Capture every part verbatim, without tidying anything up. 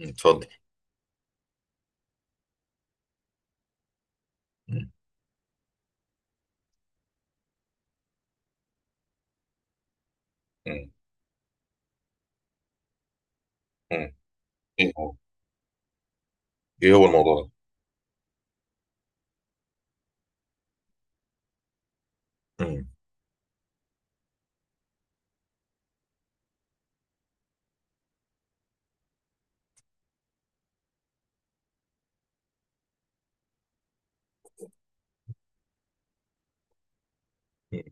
اتفضل. مم. مم. مم. ايه هو ايه هو الموضوع ده؟ مم. مم.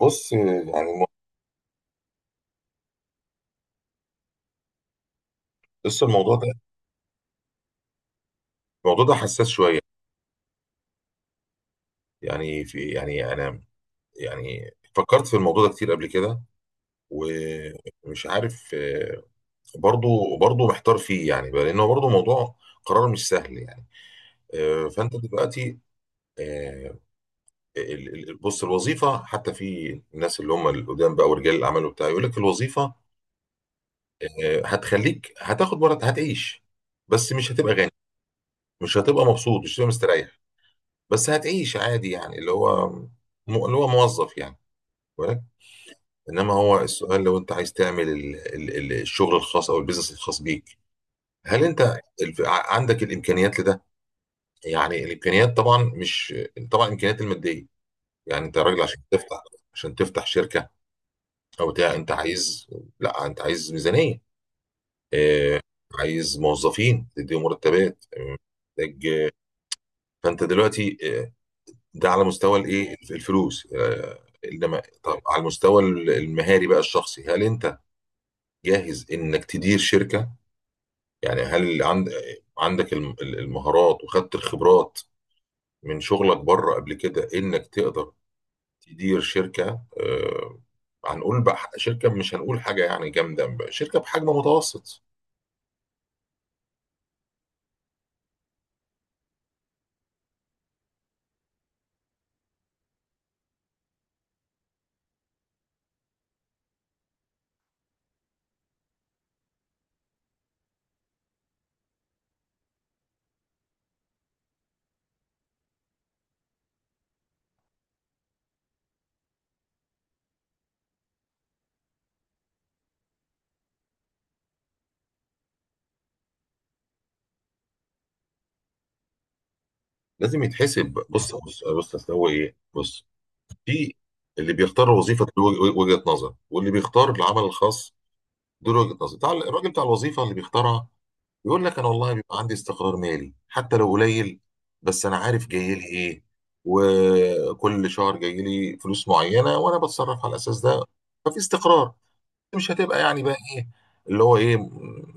بص يعني الم- بص، الموضوع ده الموضوع ده حساس شويه. يعني في يعني انا يعني فكرت في الموضوع ده كتير قبل كده، ومش عارف. آه، برضو برضو محتار فيه يعني بقى، لانه برضو موضوع قرار مش سهل يعني. آه، فانت دلوقتي آه، ال- ال- بص الوظيفه، حتى في الناس اللي هم القدام بقى ورجال الاعمال وبتاع، يقول لك الوظيفه آه، هتخليك، هتاخد مرض، هتعيش، بس مش هتبقى غني، مش هتبقى مبسوط، مش هتبقى مستريح، بس هتعيش عادي، يعني اللي هو م- اللي هو موظف يعني، ولك. انما هو السؤال، لو انت عايز تعمل ال- ال- ال- الشغل الخاص او البيزنس الخاص بيك، هل انت ال- ع- عندك الامكانيات لده؟ يعني الامكانيات طبعا مش، طبعا الامكانيات الماديه، يعني انت راجل عشان تفتح، عشان تفتح شركه او بتاع انت عايز، لا، انت عايز ميزانيه، آه، عايز موظفين تديهم مرتبات، محتاج. فانت دلوقتي آه، ده على مستوى الايه الفلوس آه، انما طب على المستوى المهاري بقى الشخصي، هل انت جاهز انك تدير شركة؟ يعني هل عند، عندك الم- المهارات وخدت الخبرات من شغلك بره قبل كده انك تقدر تدير شركة آه، هنقول بقى شركة، مش هنقول حاجة يعني جامدة، شركة بحجم متوسط. لازم يتحسب. بص بص بص، أصل هو ايه، بص، في اللي بيختار وظيفة له وجهة نظر، واللي بيختار العمل الخاص، دول وجهة نظري. بتاع- الراجل بتاع الوظيفة اللي بيختارها يقول لك: انا والله بيبقى عندي استقرار مالي حتى لو قليل، بس انا عارف جاي لي ايه، وكل شهر جاي لي فلوس معينه وانا بتصرف على الاساس ده. ففي استقرار، مش هتبقى يعني بقى ايه اللي هو ايه م-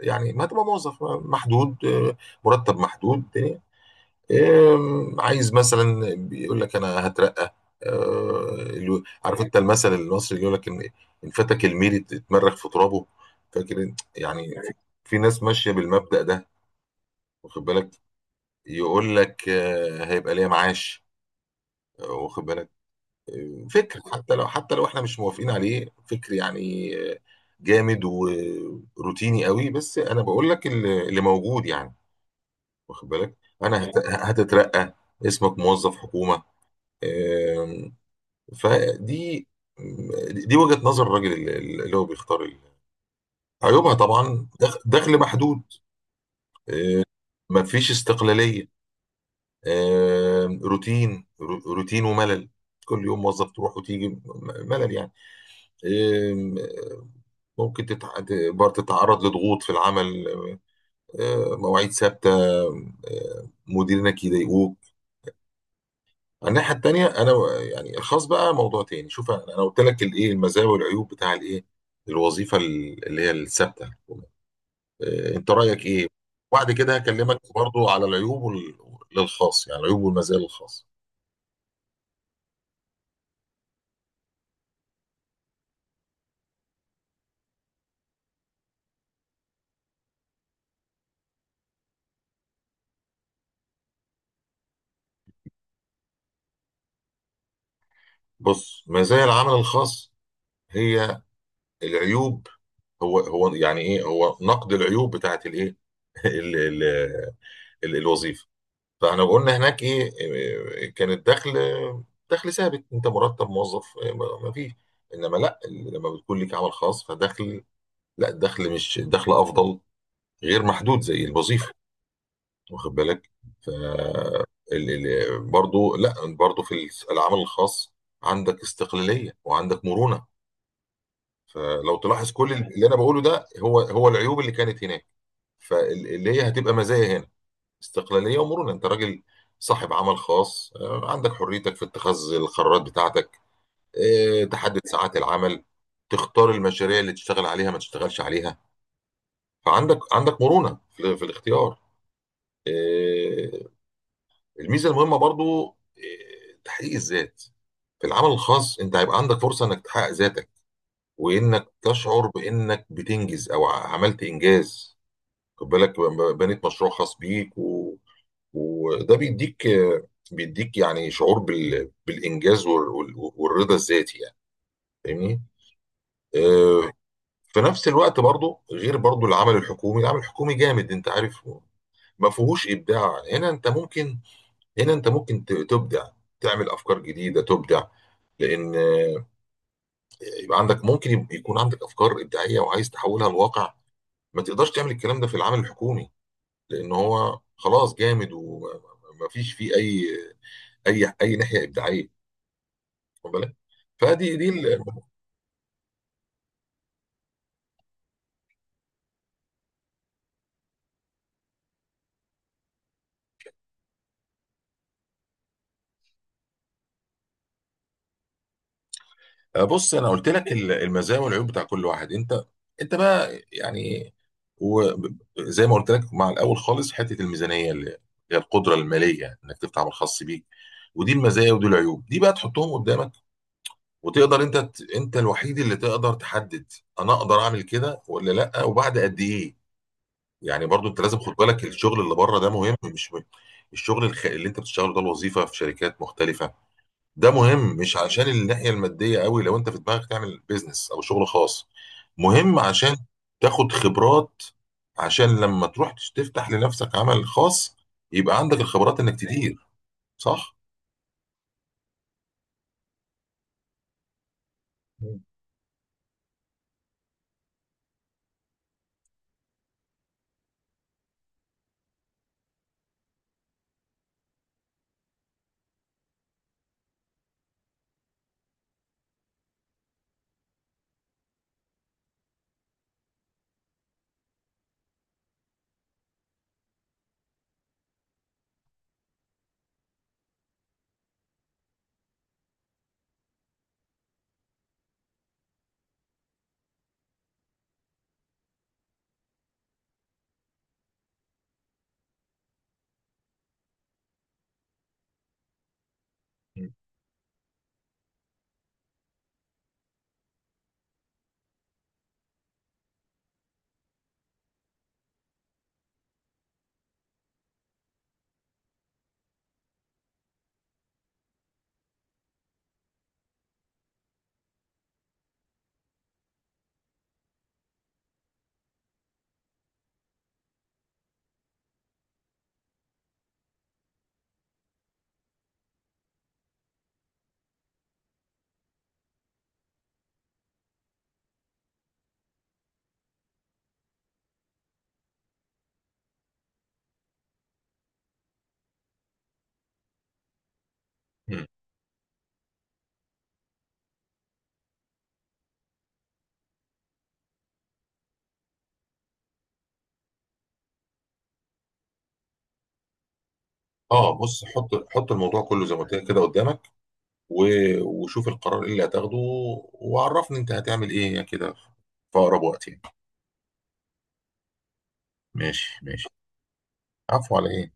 يعني ما هتبقى موظف محدود، آه، مرتب محدود، إيه، عايز مثلا بيقول لك انا هترقى. آه، اللي- عارف انت المثل المصري اللي يقول لك ان ان فاتك الميري اتمرغ في ترابه؟ فاكر انت؟ يعني في، في ناس ماشيه بالمبدأ ده، واخد بالك. يقول لك آه، هيبقى ليا معاش آه، واخد بالك. آه، فكر، حتى لو حتى لو احنا مش موافقين عليه، فكر يعني آه، جامد وروتيني قوي، بس انا بقول لك اللي اللي موجود يعني، واخد بالك، انا هت- هتترقى، اسمك موظف حكومه. آم، فدي، دي وجهة نظر الراجل اللي اللي هو بيختار ال-. عيوبها طبعا دخ- دخل محدود، مفيش استقلالية، آم، روتين رو- روتين وملل، كل يوم موظف تروح وتيجي م- ملل يعني. آم، ممكن تتع- تقدر تتعرض لضغوط في العمل، آه، مواعيد ثابتة، آه، مديرينك يضايقوك. الناحيه التانيه انا و- يعني الخاص بقى موضوع تاني. شوف انا، أنا قلت لك الايه، المزايا والعيوب بتاع الايه، الوظيفه ال- اللي هي الثابته آه، انت رايك ايه؟ وبعد كده هكلمك برضو على العيوب وال-، للخاص يعني، العيوب والمزايا للخاص. بص، مزايا العمل الخاص هي العيوب، هو هو يعني ايه، هو نقد العيوب بتاعت الايه ال- ال- ال- الوظيفه. فاحنا قلنا هناك ايه إيه، كان الدخل دخل ثابت، انت مرتب موظف، إيه، ما ما فيش. انما لا، لما بتكون لك عمل خاص فدخل، لا الدخل مش الدخل افضل، غير محدود زي الوظيفه، واخد بالك. ف ال- ال- برضو، لا برضو، في الس- العمل الخاص عندك استقلاليه وعندك مرونه. فلو تلاحظ كل اللي انا بقوله ده، هو هو العيوب اللي كانت هناك، فاللي هي هتبقى مزايا هنا. استقلالية ومرونة، انت راجل صاحب عمل خاص، آه، عندك حريتك في اتخاذ القرارات بتاعتك، آه، تحدد ساعات العمل، تختار المشاريع اللي تشتغل عليها ما تشتغلش عليها. فعندك عندك مرونة في, في الاختيار آه، الميزة المهمة برضو آه، تحقيق الذات، في العمل الخاص انت هيبقى عندك فرصة انك تحقق ذاتك، وانك تشعر بانك بتنجز او ع- عملت انجاز، خد بالك، بنيت مشروع خاص بيك، و... وده بيديك بيديك يعني شعور بال... بالانجاز وال... وال- والرضا الذاتي يعني، فاهمني آه، في نفس الوقت برضو، غير برضو العمل الحكومي، العمل الحكومي جامد، انت عارف، ما فيهوش ابداع. هنا انت ممكن، هنا انت ممكن ت- تبدع، تعمل افكار جديده، تبدع، لان آه، يبقى عندك، ممكن يب- يكون عندك افكار ابداعيه وعايز تحولها لواقع، ما تقدرش تعمل الكلام ده في العمل الحكومي، لان هو خلاص جامد ومفيش فيه اي اي اي ناحيه ابداعيه، واخد بالك. فدي دي ال-. بص، انا قلت لك ال- المزايا والعيوب بتاع كل واحد، انت، انت بقى يعني، وزي ما قلت لك مع الاول خالص، حته الميزانيه اللي هي القدره الماليه انك تفتح عمل خاص بيك، ودي المزايا ودي العيوب، دي بقى تحطهم قدامك وتقدر انت ت-، انت الوحيد اللي تقدر تحدد انا اقدر اعمل كده ولا لا، وبعد قد ايه. يعني برضو انت لازم خد بالك الشغل اللي بره ده مهم مش مهم. الشغل الخ-، اللي انت بتشتغله ده الوظيفه في شركات مختلفه، ده مهم، مش عشان الناحيه الماديه قوي، لو انت في دماغك تعمل بيزنس او شغل خاص مهم عشان تاخد خبرات، عشان لما تروح تش- تفتح لنفسك عمل خاص، يبقى عندك الخبرات انك تدير. صح؟ مم. مم. مم. اه، بص، حط حط الموضوع كله زي ما قلت لك كده قدامك، و... وشوف القرار ايه اللي هتاخده، وعرفني انت هتعمل ايه كده في اقرب وقت يعني. ماشي ماشي. عفو، على ايه؟